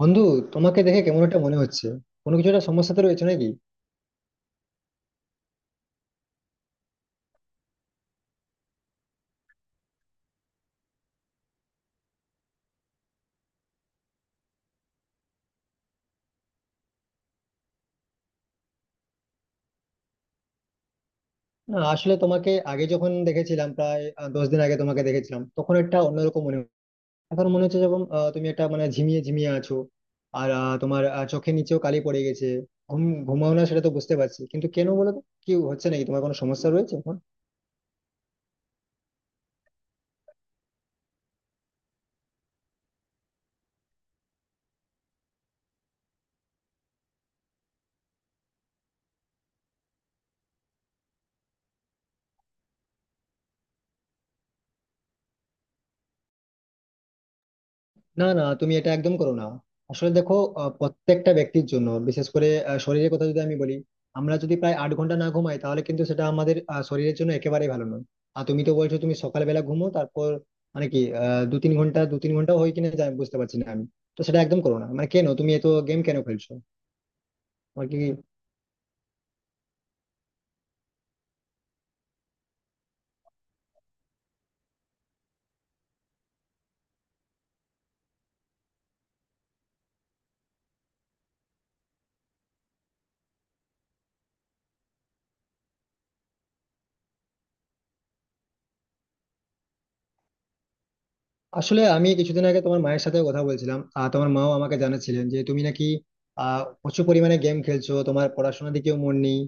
বন্ধু, তোমাকে দেখে কেমন একটা মনে হচ্ছে। কোনো কিছু একটা সমস্যাতে রয়েছে নাকি? না, আসলে তোমাকে আগে যখন দেখেছিলাম, প্রায় 10 দিন আগে তোমাকে দেখেছিলাম, তখন একটা অন্যরকম মনে হচ্ছে। এখন মনে হচ্ছে যখন তুমি একটা মানে ঝিমিয়ে ঝিমিয়ে আছো, আর তোমার চোখের নিচেও কালি পড়ে গেছে। ঘুম ঘুমাও না সেটা তো বুঝতে পারছি, কিন্তু কেন বলো তো? কি হচ্ছে নাকি? তোমার কোনো সমস্যা রয়েছে এখন? না না, তুমি এটা একদম করো না। আসলে দেখো, প্রত্যেকটা ব্যক্তির জন্য, বিশেষ করে শরীরের কথা যদি আমি বলি, আমরা যদি প্রায় 8 ঘন্টা না ঘুমাই তাহলে কিন্তু সেটা আমাদের শরীরের জন্য একেবারেই ভালো নয়। আর তুমি তো বলছো তুমি সকালবেলা ঘুমো, তারপর মানে কি দু তিন ঘন্টা হয় কিনা জানি, বুঝতে পারছি না আমি। তো সেটা একদম করো না, মানে কেন তুমি এত গেম কেন খেলছো? তোমার কি? আসলে আমি কিছুদিন আগে তোমার মায়ের সাথে কথা বলছিলাম, আর তোমার মাও আমাকে জানাচ্ছিলেন যে তুমি নাকি প্রচুর পরিমাণে গেম খেলছো, তোমার পড়াশোনার দিকেও মন নেই।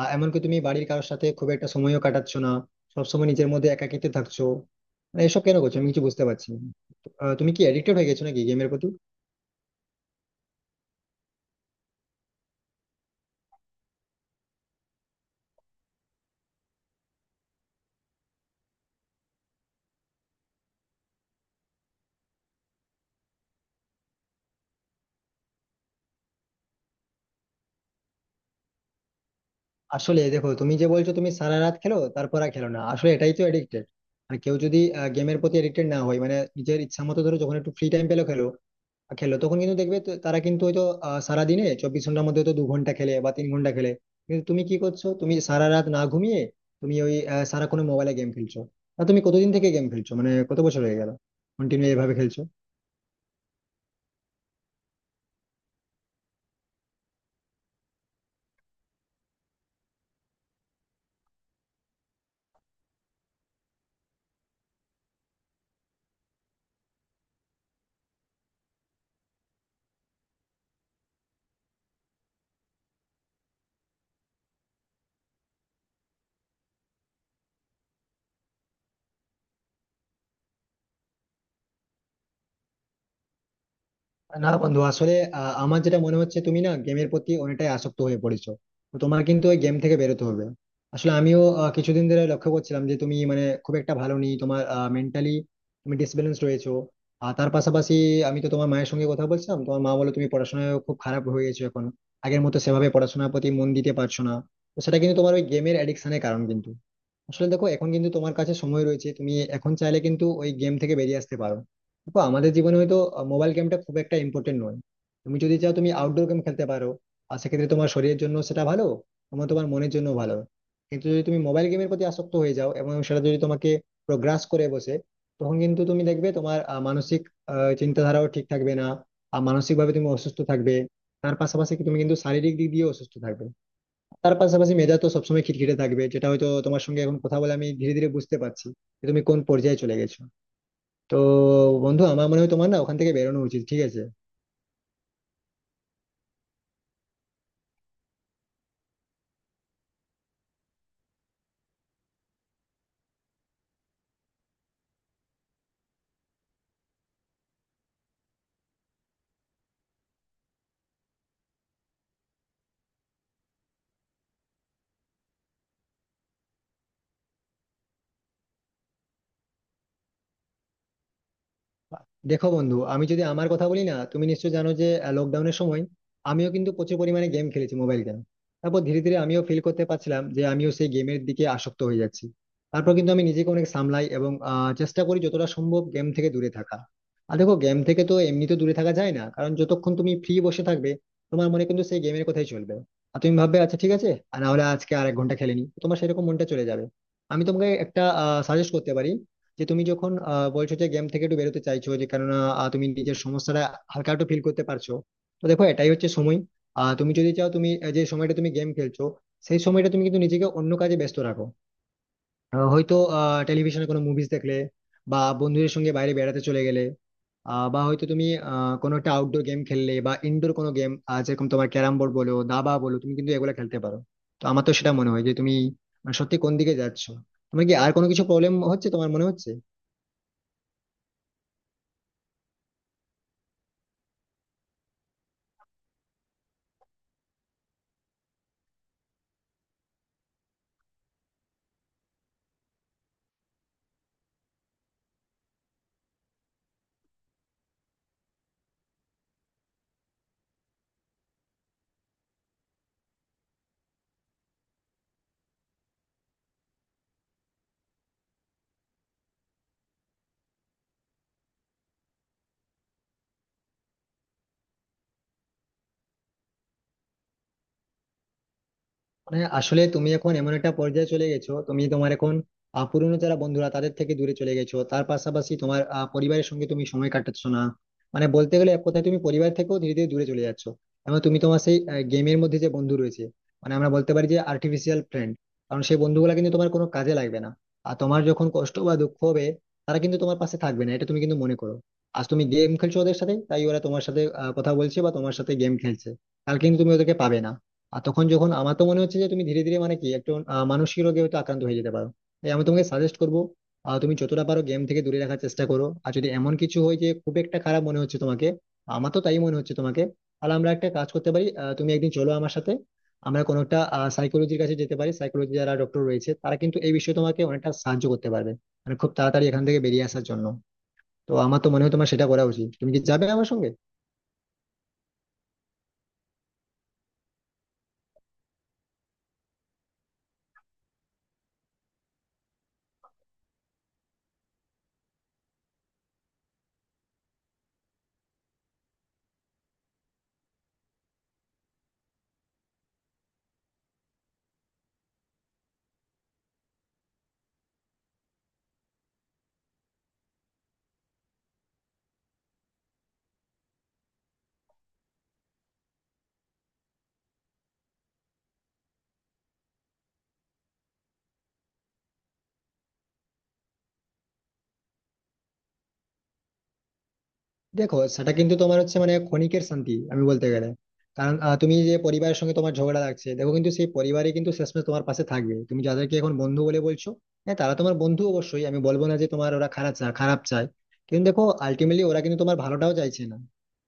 এমনকি তুমি বাড়ির কারোর সাথে খুব একটা সময়ও কাটাচ্ছ না, সবসময় নিজের মধ্যে একাকিত্বে থাকছো। মানে এসব কেন করছো? আমি কিছু বুঝতে পারছি না। তো, তুমি কি এডিক্টেড হয়ে গেছো নাকি গেমের প্রতি? আসলে দেখো, তুমি যে বলছো তুমি সারা রাত খেলো, তারপর আর খেলো না, আসলে এটাই তো এডিক্টেড। আর কেউ যদি গেমের প্রতি এডিক্টেড না হয়, মানে নিজের ইচ্ছা মতো, ধরো যখন একটু ফ্রি টাইম পেলো খেলো খেলো তখন কিন্তু দেখবে তো, তারা কিন্তু হয়তো সারাদিনে 24 ঘন্টার মধ্যে হয়তো 2 ঘন্টা খেলে বা 3 ঘন্টা খেলে। কিন্তু তুমি কি করছো? তুমি সারা রাত না ঘুমিয়ে তুমি ওই সারা কোনো মোবাইলে গেম খেলছো। না, তুমি কতদিন থেকে গেম খেলছো? মানে কত বছর হয়ে গেল কন্টিনিউ এভাবে খেলছো? না বন্ধু, আসলে আমার যেটা মনে হচ্ছে, তুমি না গেমের প্রতি অনেকটাই আসক্ত হয়ে পড়েছো। তো তোমার কিন্তু ওই গেম থেকে বেরোতে হবে। আসলে আমিও কিছুদিন ধরে লক্ষ্য করছিলাম যে তুমি মানে খুব একটা ভালো নেই, তোমার মেন্টালি তুমি ডিসব্যালেন্স রয়েছো। আর তার পাশাপাশি আমি তো তোমার মায়ের সঙ্গে কথা বলছিলাম, তোমার মা বলে তুমি পড়াশোনায় খুব খারাপ হয়ে গেছো এখন, আগের মতো সেভাবে পড়াশোনার প্রতি মন দিতে পারছো না। তো সেটা কিন্তু তোমার ওই গেমের অ্যাডিকশনের কারণ কিন্তু। আসলে দেখো, এখন কিন্তু তোমার কাছে সময় রয়েছে, তুমি এখন চাইলে কিন্তু ওই গেম থেকে বেরিয়ে আসতে পারো। দেখো, আমাদের জীবনে হয়তো মোবাইল গেমটা খুব একটা ইম্পর্টেন্ট নয়। তুমি যদি চাও তুমি আউটডোর গেম খেলতে পারো, আর সেক্ষেত্রে তোমার শরীরের জন্য সেটা ভালো, তোমার তোমার মনের জন্য ভালো। কিন্তু যদি তুমি মোবাইল গেমের প্রতি আসক্ত হয়ে যাও, এবং সেটা যদি তোমাকে গ্রাস করে বসে, তখন কিন্তু তুমি দেখবে তোমার মানসিক চিন্তাধারাও ঠিক থাকবে না, আর মানসিকভাবে তুমি অসুস্থ থাকবে। তার পাশাপাশি কি তুমি কিন্তু শারীরিক দিক দিয়ে অসুস্থ থাকবে। তার পাশাপাশি মেধা তো সবসময় খিটখিটে থাকবে, যেটা হয়তো তোমার সঙ্গে এখন কথা বলে আমি ধীরে ধীরে বুঝতে পারছি যে তুমি কোন পর্যায়ে চলে গেছো। তো বন্ধু, আমার মনে হয় তোমার না ওখান থেকে বেরোনো উচিত, ঠিক আছে? দেখো বন্ধু, আমি যদি আমার কথা বলি না, তুমি নিশ্চয় জানো যে লকডাউনের সময় আমিও কিন্তু প্রচুর পরিমাণে গেম খেলেছি, মোবাইল গেম। তারপর ধীরে ধীরে আমিও ফিল করতে পারছিলাম যে আমিও সেই গেমের দিকে আসক্ত হয়ে যাচ্ছি। তারপর কিন্তু আমি নিজেকে অনেক সামলাই এবং চেষ্টা করি যতটা সম্ভব গেম থেকে দূরে থাকা। আর দেখো, গেম থেকে তো এমনিতে দূরে থাকা যায় না, কারণ যতক্ষণ তুমি ফ্রি বসে থাকবে তোমার মনে কিন্তু সেই গেমের কথাই চলবে। আর তুমি ভাববে আচ্ছা ঠিক আছে, আর না হলে আজকে আর 1 ঘন্টা খেলেনি, তোমার সেরকম মনটা চলে যাবে। আমি তোমাকে একটা সাজেস্ট করতে পারি যে তুমি যখন বলছো যে গেম থেকে একটু বেরোতে চাইছো, যে কেননা তুমি নিজের সমস্যাটা হালকা একটু ফিল করতে পারছো। তো দেখো, এটাই হচ্ছে সময়। তুমি যদি চাও, তুমি যে সময়টা তুমি গেম খেলছো সেই সময়টা তুমি কিন্তু নিজেকে অন্য কাজে ব্যস্ত রাখো। হয়তো টেলিভিশনে কোনো মুভিজ দেখলে, বা বন্ধুদের সঙ্গে বাইরে বেড়াতে চলে গেলে, বা হয়তো তুমি কোনো একটা আউটডোর গেম খেললে বা ইনডোর কোনো গেম, যেরকম তোমার ক্যারাম বোর্ড বলো, দাবা বলো, তুমি কিন্তু এগুলো খেলতে পারো। তো আমার তো সেটা মনে হয় যে তুমি মানে সত্যি কোন দিকে যাচ্ছো। তোমার কি আর কোনো কিছু প্রবলেম হচ্ছে তোমার মনে হচ্ছে? মানে আসলে তুমি এখন এমন একটা পর্যায়ে চলে গেছো, তুমি তোমার এখন পুরনো যারা বন্ধুরা তাদের থেকে দূরে চলে গেছো, তার পাশাপাশি তোমার পরিবারের সঙ্গে তুমি সময় কাটাচ্ছ না। মানে বলতে গেলে এক কথায় তুমি পরিবার থেকেও ধীরে ধীরে দূরে চলে যাচ্ছ, এবং তুমি তোমার সেই গেমের মধ্যে যে বন্ধু রয়েছে, মানে আমরা বলতে পারি যে আর্টিফিশিয়াল ফ্রেন্ড, কারণ সেই বন্ধুগুলা কিন্তু তোমার কোনো কাজে লাগবে না। আর তোমার যখন কষ্ট বা দুঃখ হবে, তারা কিন্তু তোমার পাশে থাকবে না, এটা তুমি কিন্তু মনে করো। আজ তুমি গেম খেলছো ওদের সাথে তাই ওরা তোমার সাথে কথা বলছে বা তোমার সাথে গেম খেলছে, কালকে কিন্তু তুমি ওদেরকে পাবে না। আর তখন যখন আমার তো মনে হচ্ছে যে তুমি ধীরে ধীরে মানে কি একটু মানসিক রোগে হয়তো আক্রান্ত হয়ে যেতে পারো। তাই আমি তোমাকে সাজেস্ট করবো, তুমি যতটা পারো গেম থেকে দূরে রাখার চেষ্টা করো। আর যদি এমন কিছু হয় যে খুব একটা খারাপ মনে হচ্ছে তোমাকে, আমার তো তাই মনে হচ্ছে তোমাকে, তাহলে আমরা একটা কাজ করতে পারি, তুমি একদিন চলো আমার সাথে, আমরা কোনো একটা সাইকোলজির কাছে যেতে পারি। সাইকোলজি যারা ডক্টর রয়েছে তারা কিন্তু এই বিষয়ে তোমাকে অনেকটা সাহায্য করতে পারবে, মানে খুব তাড়াতাড়ি এখান থেকে বেরিয়ে আসার জন্য। তো আমার তো মনে হয় তোমার সেটা করা উচিত, তুমি কি যাবে আমার সঙ্গে? দেখো, সেটা কিন্তু তোমার হচ্ছে মানে ক্ষণিকের শান্তি, আমি বলতে গেলে। কারণ তুমি যে পরিবারের সঙ্গে তোমার ঝগড়া লাগছে, দেখো কিন্তু সেই পরিবারে কিন্তু শেষমেশ তোমার পাশে থাকবে, তুমি যাদেরকে এখন বন্ধু বলে বলছো, হ্যাঁ তারা তোমার বন্ধু, অবশ্যই আমি বলবো না যে তোমার ওরা খারাপ চায় খারাপ চায়, কিন্তু দেখো আলটিমেটলি ওরা কিন্তু তোমার ভালোটাও চাইছে না।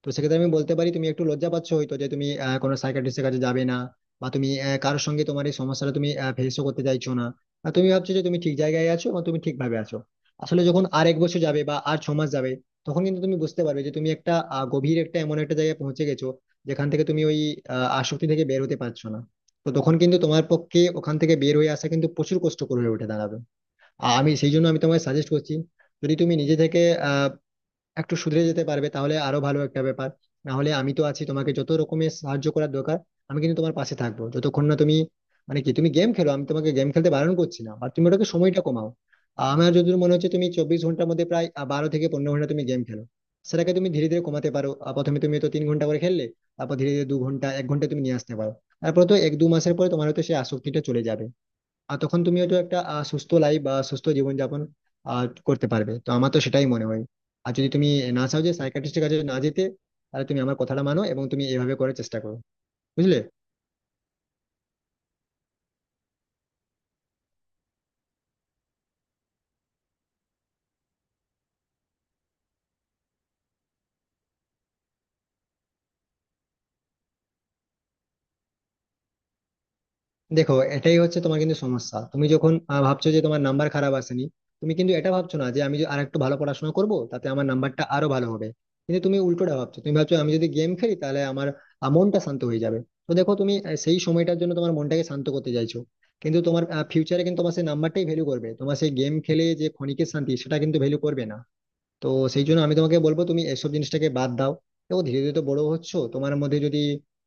তো সেক্ষেত্রে আমি বলতে পারি, তুমি একটু লজ্জা পাচ্ছ হয়তো যে তুমি কোনো সাইকিয়াট্রিস্টের কাছে যাবে না, বা তুমি কারোর সঙ্গে তোমার এই সমস্যাটা তুমি ফেসও করতে চাইছো না, আর তুমি ভাবছো যে তুমি ঠিক জায়গায় আছো এবং তুমি ঠিকভাবে আছো। আসলে যখন আর 1 বছর যাবে বা আর 6 মাস যাবে, তখন কিন্তু তুমি বুঝতে পারবে যে তুমি একটা গভীর একটা এমন একটা জায়গায় পৌঁছে গেছো, যেখান থেকে তুমি ওই আসক্তি থেকে বের হতে পারছো না। তো তখন কিন্তু তোমার পক্ষে ওখান থেকে বের হয়ে আসা কিন্তু প্রচুর কষ্টকর হয়ে উঠে দাঁড়াবে। আর আমি সেই জন্য আমি তোমায় সাজেস্ট করছি, যদি তুমি নিজে থেকে আহ একটু সুধরে যেতে পারবে তাহলে আরো ভালো একটা ব্যাপার। না হলে আমি তো আছি, তোমাকে যত রকমের সাহায্য করার দরকার আমি কিন্তু তোমার পাশে থাকবো, যতক্ষণ না তুমি মানে কি তুমি গেম খেলো, আমি তোমাকে গেম খেলতে বারণ করছি না, আর তুমি ওটাকে সময়টা কমাও। আমার যদি মনে হচ্ছে তুমি 24 ঘন্টার মধ্যে প্রায় 12 থেকে 15 ঘন্টা তুমি গেম খেলো, সেটাকে তুমি ধীরে ধীরে কমাতে পারো। প্রথমে তুমি তো 3 ঘন্টা করে খেললে, তারপর ধীরে ধীরে 2 ঘন্টা, 1 ঘন্টা তুমি নিয়ে আসতে পারো। তারপর তো এক দু মাসের পরে তোমার হয়তো সেই আসক্তিটা চলে যাবে। আর তখন তুমি হয়তো একটা সুস্থ লাইফ বা সুস্থ জীবনযাপন করতে পারবে। তো আমার তো সেটাই মনে হয়। আর যদি তুমি না চাও যে সাইকিয়াট্রিস্টের কাছে না যেতে, তাহলে তুমি আমার কথাটা মানো এবং তুমি এভাবে করার চেষ্টা করো, বুঝলে? দেখো, এটাই হচ্ছে তোমার কিন্তু সমস্যা। তুমি যখন ভাবছো যে তোমার নাম্বার খারাপ আসেনি, তুমি কিন্তু এটা ভাবছো না যে আমি আর একটু ভালো পড়াশোনা করব তাতে আমার নাম্বারটা আরো ভালো হবে, কিন্তু তুমি উল্টোটা ভাবছো, তুমি ভাবছো আমি যদি গেম খেলি তাহলে আমার মনটা শান্ত হয়ে যাবে। তো দেখো, তুমি সেই সময়টার জন্য তোমার মনটাকে শান্ত করতে চাইছো, কিন্তু তোমার ফিউচারে কিন্তু তোমার সেই নাম্বারটাই ভ্যালু করবে, তোমার সেই গেম খেলে যে ক্ষণিকের শান্তি সেটা কিন্তু ভ্যালু করবে না। তো সেই জন্য আমি তোমাকে বলবো তুমি এসব জিনিসটাকে বাদ দাও। দেখো, ধীরে ধীরে তো বড় হচ্ছ, তোমার মধ্যে যদি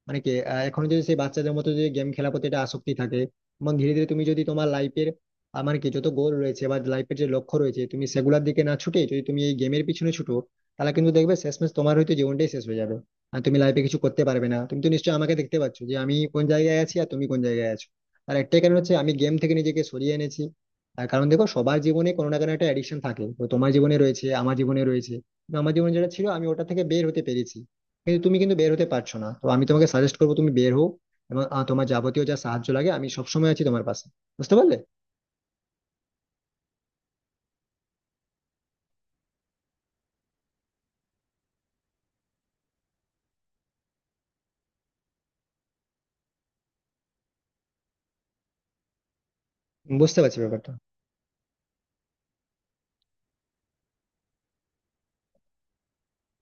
মানে কি এখনো যদি সেই বাচ্চাদের মতো যদি গেম খেলার প্রতি একটা আসক্তি থাকে, এবং ধীরে ধীরে তুমি যদি তোমার লাইফের মানে কি যত গোল রয়েছে বা লাইফের যে লক্ষ্য রয়েছে তুমি সেগুলোর দিকে না ছুটে যদি তুমি এই গেমের পিছনে ছুটো, তাহলে কিন্তু দেখবে শেষমেশ তোমার হয়তো জীবনটাই শেষ হয়ে যাবে, আর তুমি লাইফে কিছু করতে পারবে না। তুমি তো নিশ্চয়ই আমাকে দেখতে পাচ্ছ যে আমি কোন জায়গায় আছি আর তুমি কোন জায়গায় আছো। আর একটাই কারণ হচ্ছে আমি গেম থেকে নিজেকে সরিয়ে এনেছি। তার কারণ দেখো, সবার জীবনে কোনো না কোনো একটা অ্যাডিকশন থাকে, তো তোমার জীবনে রয়েছে, আমার জীবনে রয়েছে। তো আমার জীবনে যেটা ছিল, আমি ওটা থেকে বের হতে পেরেছি, কিন্তু তুমি কিন্তু বের হতে পারছো না। তো আমি তোমাকে সাজেস্ট করবো তুমি বের হও, এবং তোমার যাবতীয় যা সাহায্য লাগে আমি সবসময় আছি তোমার পাশে, বুঝতে পারলে? বুঝতে পারছি ব্যাপারটা।